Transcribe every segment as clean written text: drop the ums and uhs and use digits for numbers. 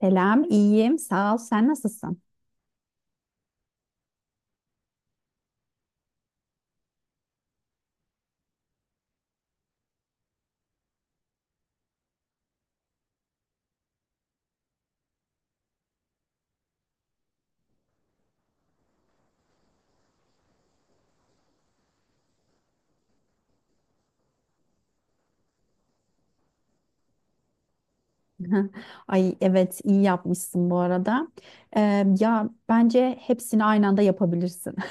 Selam, iyiyim. Sağ ol. Sen nasılsın? Ay evet, iyi yapmışsın bu arada. Ya bence hepsini aynı anda yapabilirsin.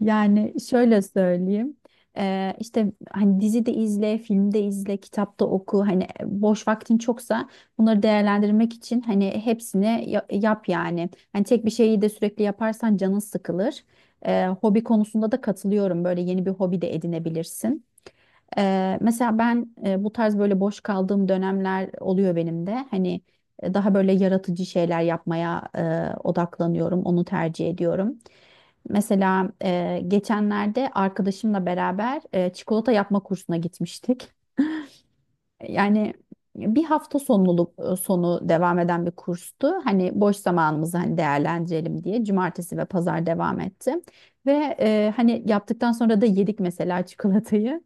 Yani şöyle söyleyeyim. İşte hani dizide izle, filmde izle, kitapta oku. Hani boş vaktin çoksa bunları değerlendirmek için hani hepsini yap yani. Hani tek bir şeyi de sürekli yaparsan canın sıkılır. Hobi konusunda da katılıyorum. Böyle yeni bir hobi de edinebilirsin. Mesela ben bu tarz böyle boş kaldığım dönemler oluyor benim de. Hani daha böyle yaratıcı şeyler yapmaya odaklanıyorum, onu tercih ediyorum. Mesela geçenlerde arkadaşımla beraber çikolata yapma kursuna gitmiştik. Yani bir hafta sonu devam eden bir kurstu. Hani boş zamanımızı hani değerlendirelim diye cumartesi ve pazar devam etti. Ve hani yaptıktan sonra da yedik mesela çikolatayı.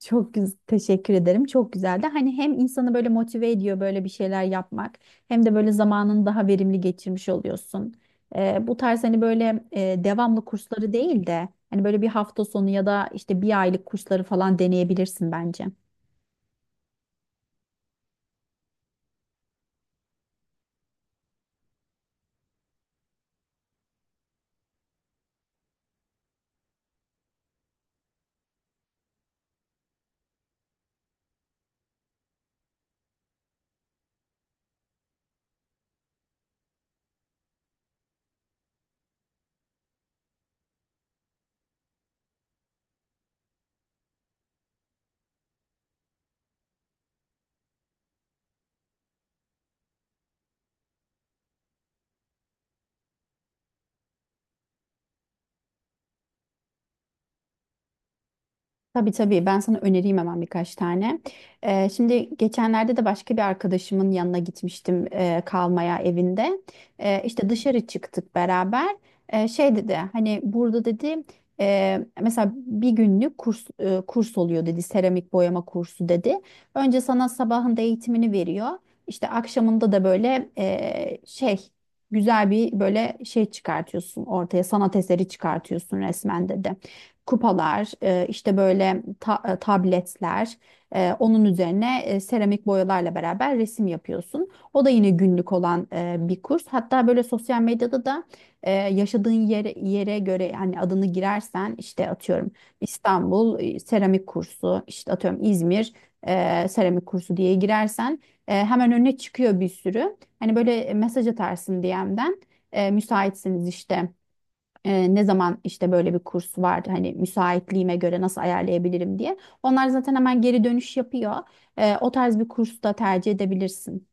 Teşekkür ederim. Çok güzeldi. Hani hem insanı böyle motive ediyor böyle bir şeyler yapmak hem de böyle zamanını daha verimli geçirmiş oluyorsun. Bu tarz hani böyle devamlı kursları değil de hani böyle bir hafta sonu ya da işte bir aylık kursları falan deneyebilirsin bence. Tabii tabii ben sana önereyim hemen birkaç tane. Şimdi geçenlerde de başka bir arkadaşımın yanına gitmiştim kalmaya evinde. İşte dışarı çıktık beraber. Şey dedi hani burada dedi mesela bir günlük kurs oluyor dedi, seramik boyama kursu dedi. Önce sana sabahında eğitimini veriyor. İşte akşamında da böyle şey, güzel bir böyle şey çıkartıyorsun ortaya, sanat eseri çıkartıyorsun resmen dedi, kupalar, işte böyle tabletler, onun üzerine seramik boyalarla beraber resim yapıyorsun. O da yine günlük olan bir kurs. Hatta böyle sosyal medyada da yaşadığın yere göre, yani adını girersen işte atıyorum İstanbul seramik kursu, işte atıyorum İzmir seramik kursu diye girersen hemen önüne çıkıyor bir sürü. Hani böyle mesaj atarsın DM'den, müsaitsiniz işte, ne zaman işte böyle bir kurs var, hani müsaitliğime göre nasıl ayarlayabilirim diye. Onlar zaten hemen geri dönüş yapıyor. O tarz bir kurs da tercih edebilirsin.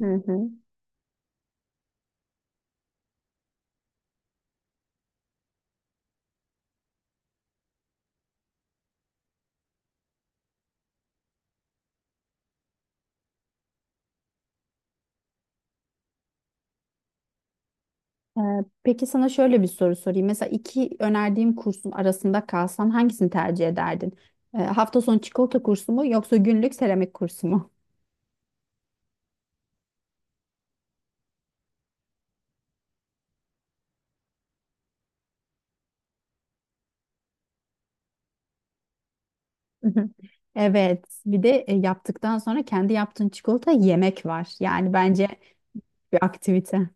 Hı hı. E, peki sana şöyle bir soru sorayım. Mesela iki önerdiğim kursun arasında kalsan hangisini tercih ederdin? Hafta sonu çikolata kursu mu yoksa günlük seramik kursu mu? Evet, bir de yaptıktan sonra kendi yaptığın çikolata yemek var. Yani bence bir aktivite.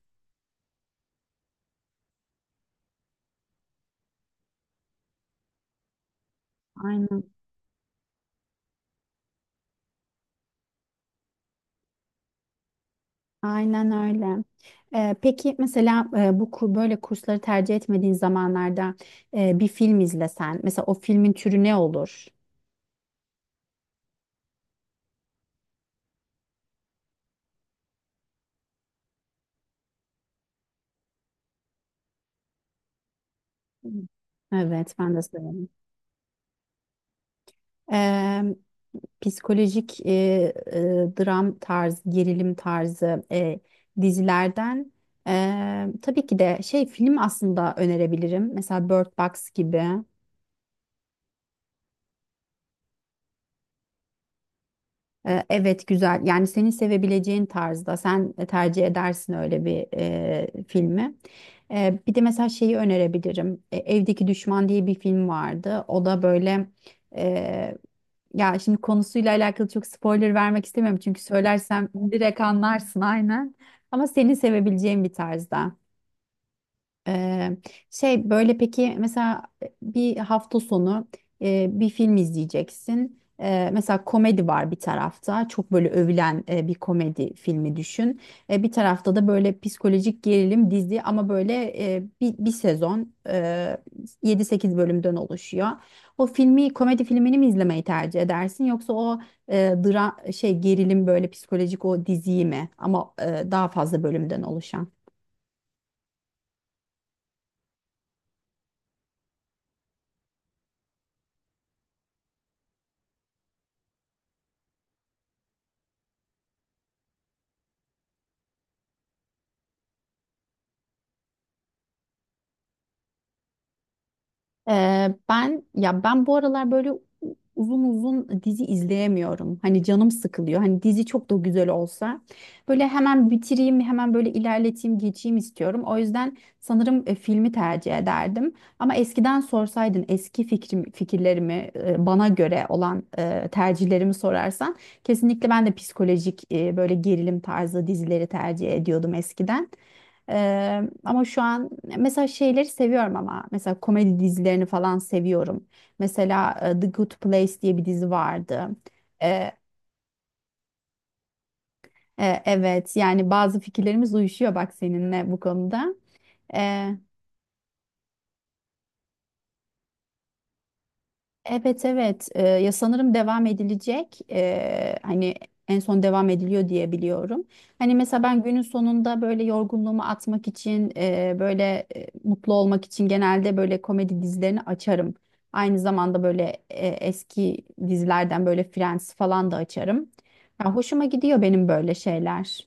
Aynen. Aynen öyle. Peki mesela, bu böyle kursları tercih etmediğin zamanlarda bir film izlesen, mesela o filmin türü ne olur? Hı. Evet, ben de severim. Ee, Psikolojik dram tarzı, gerilim tarzı dizilerden tabii ki de şey, film aslında önerebilirim. Mesela Bird Box gibi. Evet, güzel, yani senin sevebileceğin tarzda, sen tercih edersin öyle bir filmi. Bir de mesela şeyi önerebilirim. Evdeki Düşman diye bir film vardı. O da böyle e, ya şimdi konusuyla alakalı çok spoiler vermek istemiyorum, çünkü söylersem direkt anlarsın aynen. Ama senin sevebileceğin bir tarzda. Eee, Şey, böyle peki mesela bir hafta sonu bir film izleyeceksin. Mesela komedi var bir tarafta. Çok böyle övülen bir komedi filmi düşün. Bir tarafta da böyle psikolojik gerilim dizi, ama böyle bir sezon, 7-8 bölümden oluşuyor. O filmi, komedi filmini mi izlemeyi tercih edersin, yoksa o dra şey gerilim, böyle psikolojik o diziyi mi? Ama daha fazla bölümden oluşan. Ben, bu aralar böyle uzun uzun dizi izleyemiyorum. Hani canım sıkılıyor. Hani dizi çok da güzel olsa, böyle hemen bitireyim, hemen böyle ilerleteyim, geçeyim istiyorum. O yüzden sanırım filmi tercih ederdim. Ama eskiden sorsaydın, eski fikirlerimi, bana göre olan tercihlerimi sorarsan, kesinlikle ben de psikolojik, böyle gerilim tarzı dizileri tercih ediyordum eskiden. Ama şu an mesela şeyleri seviyorum, ama mesela komedi dizilerini falan seviyorum. Mesela The Good Place diye bir dizi vardı. Ee, evet, yani bazı fikirlerimiz uyuşuyor bak seninle bu konuda. Evet, evet. Ya sanırım devam edilecek. Hani en son devam ediliyor diye biliyorum. Hani mesela ben günün sonunda böyle yorgunluğumu atmak için, böyle mutlu olmak için genelde böyle komedi dizilerini açarım. Aynı zamanda böyle eski dizilerden böyle Friends falan da açarım. Ya hoşuma gidiyor benim böyle şeyler.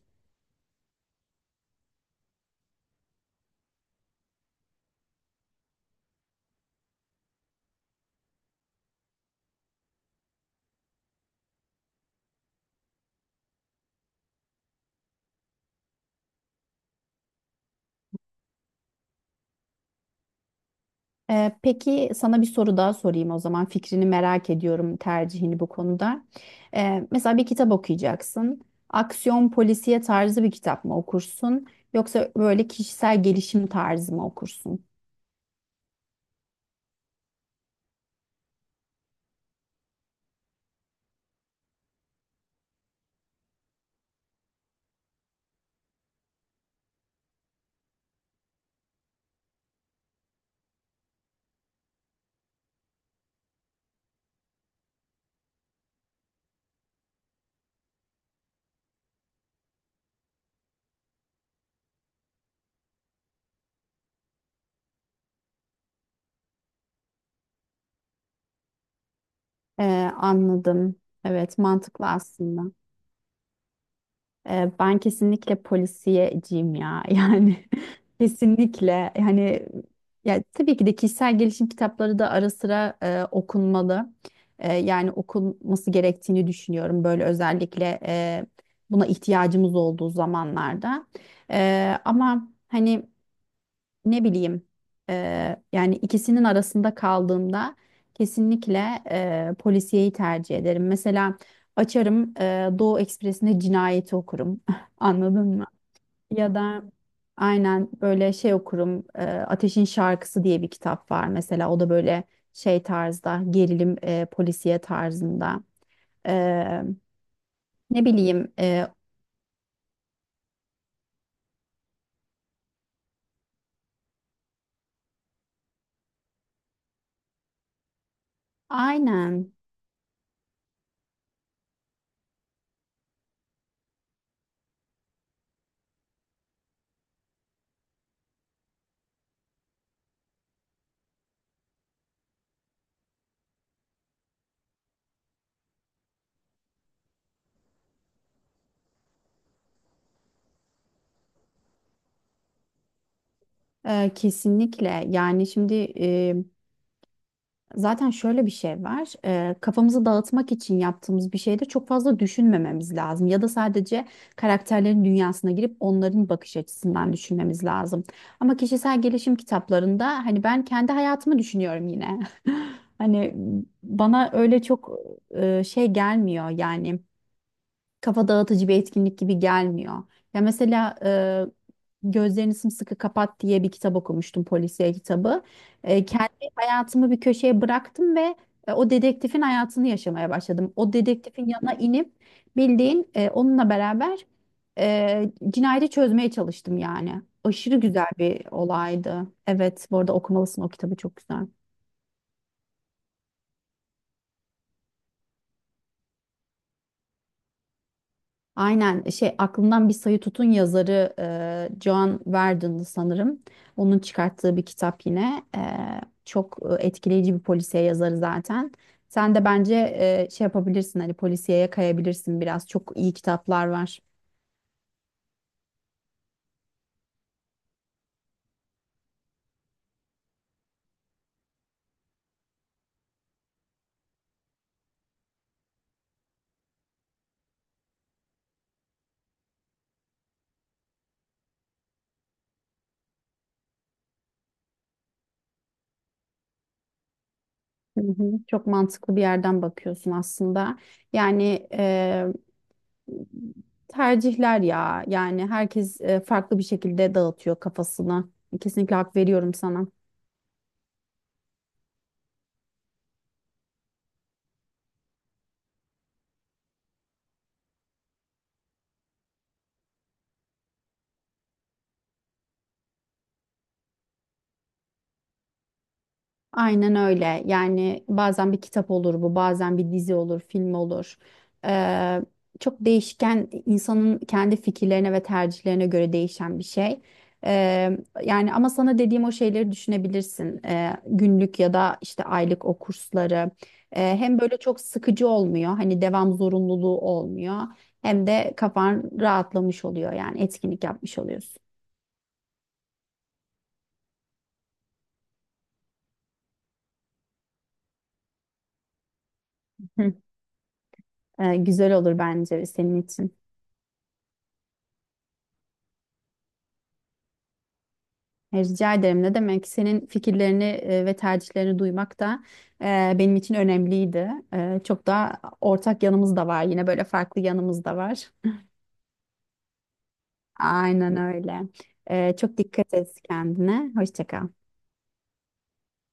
Peki sana bir soru daha sorayım o zaman. Fikrini merak ediyorum, tercihini bu konuda. Mesela bir kitap okuyacaksın. Aksiyon polisiye tarzı bir kitap mı okursun? Yoksa böyle kişisel gelişim tarzı mı okursun? Ee, Anladım. Evet, mantıklı aslında. Ben kesinlikle polisiyeciyim ya. Yani kesinlikle hani, ya tabii ki de kişisel gelişim kitapları da ara sıra okunmalı. Yani okunması gerektiğini düşünüyorum. Böyle özellikle buna ihtiyacımız olduğu zamanlarda. Ama hani, ne bileyim yani ikisinin arasında kaldığımda kesinlikle polisiyeyi tercih ederim. Mesela açarım Doğu Ekspresi'nde cinayeti okurum. Anladın mı? Ya da aynen böyle şey okurum. Ateşin Şarkısı diye bir kitap var mesela. O da böyle şey tarzda, gerilim polisiye tarzında. Eee, Ne bileyim, aynen, kesinlikle. Yani şimdi zaten şöyle bir şey var. Kafamızı dağıtmak için yaptığımız bir şeyde çok fazla düşünmememiz lazım. Ya da sadece karakterlerin dünyasına girip onların bakış açısından düşünmemiz lazım. Ama kişisel gelişim kitaplarında hani ben kendi hayatımı düşünüyorum yine. Hani bana öyle çok şey gelmiyor, yani kafa dağıtıcı bir etkinlik gibi gelmiyor. Ya mesela Gözlerini Sımsıkı Kapat diye bir kitap okumuştum, polisiye kitabı. Kendi hayatımı bir köşeye bıraktım ve o dedektifin hayatını yaşamaya başladım. O dedektifin yanına inip, bildiğin onunla beraber cinayeti çözmeye çalıştım yani. Aşırı güzel bir olaydı. Evet, bu arada okumalısın o kitabı, çok güzel. Aynen, şey, aklımdan bir sayı tutun yazarı John Verdon'dı sanırım. Onun çıkarttığı bir kitap yine. Çok etkileyici bir polisiye yazarı zaten. Sen de bence şey yapabilirsin, hani polisiyeye kayabilirsin biraz. Çok iyi kitaplar var. Hı hı. Çok mantıklı bir yerden bakıyorsun aslında. Yani tercihler ya. Yani herkes farklı bir şekilde dağıtıyor kafasını. Kesinlikle hak veriyorum sana. Aynen öyle. Yani bazen bir kitap olur bu, bazen bir dizi olur, film olur. Ee, Çok değişken, insanın kendi fikirlerine ve tercihlerine göre değişen bir şey. Ee, Yani ama sana dediğim o şeyleri düşünebilirsin. Günlük ya da işte aylık o kursları. Hem böyle çok sıkıcı olmuyor, hani devam zorunluluğu olmuyor. Hem de kafan rahatlamış oluyor, yani etkinlik yapmış oluyorsun. Hı. Güzel olur bence senin için. Rica ederim. Ne demek? Senin fikirlerini ve tercihlerini duymak da benim için önemliydi. Çok da ortak yanımız da var. Yine böyle farklı yanımız da var. Aynen öyle. Çok dikkat et kendine. Hoşça kal.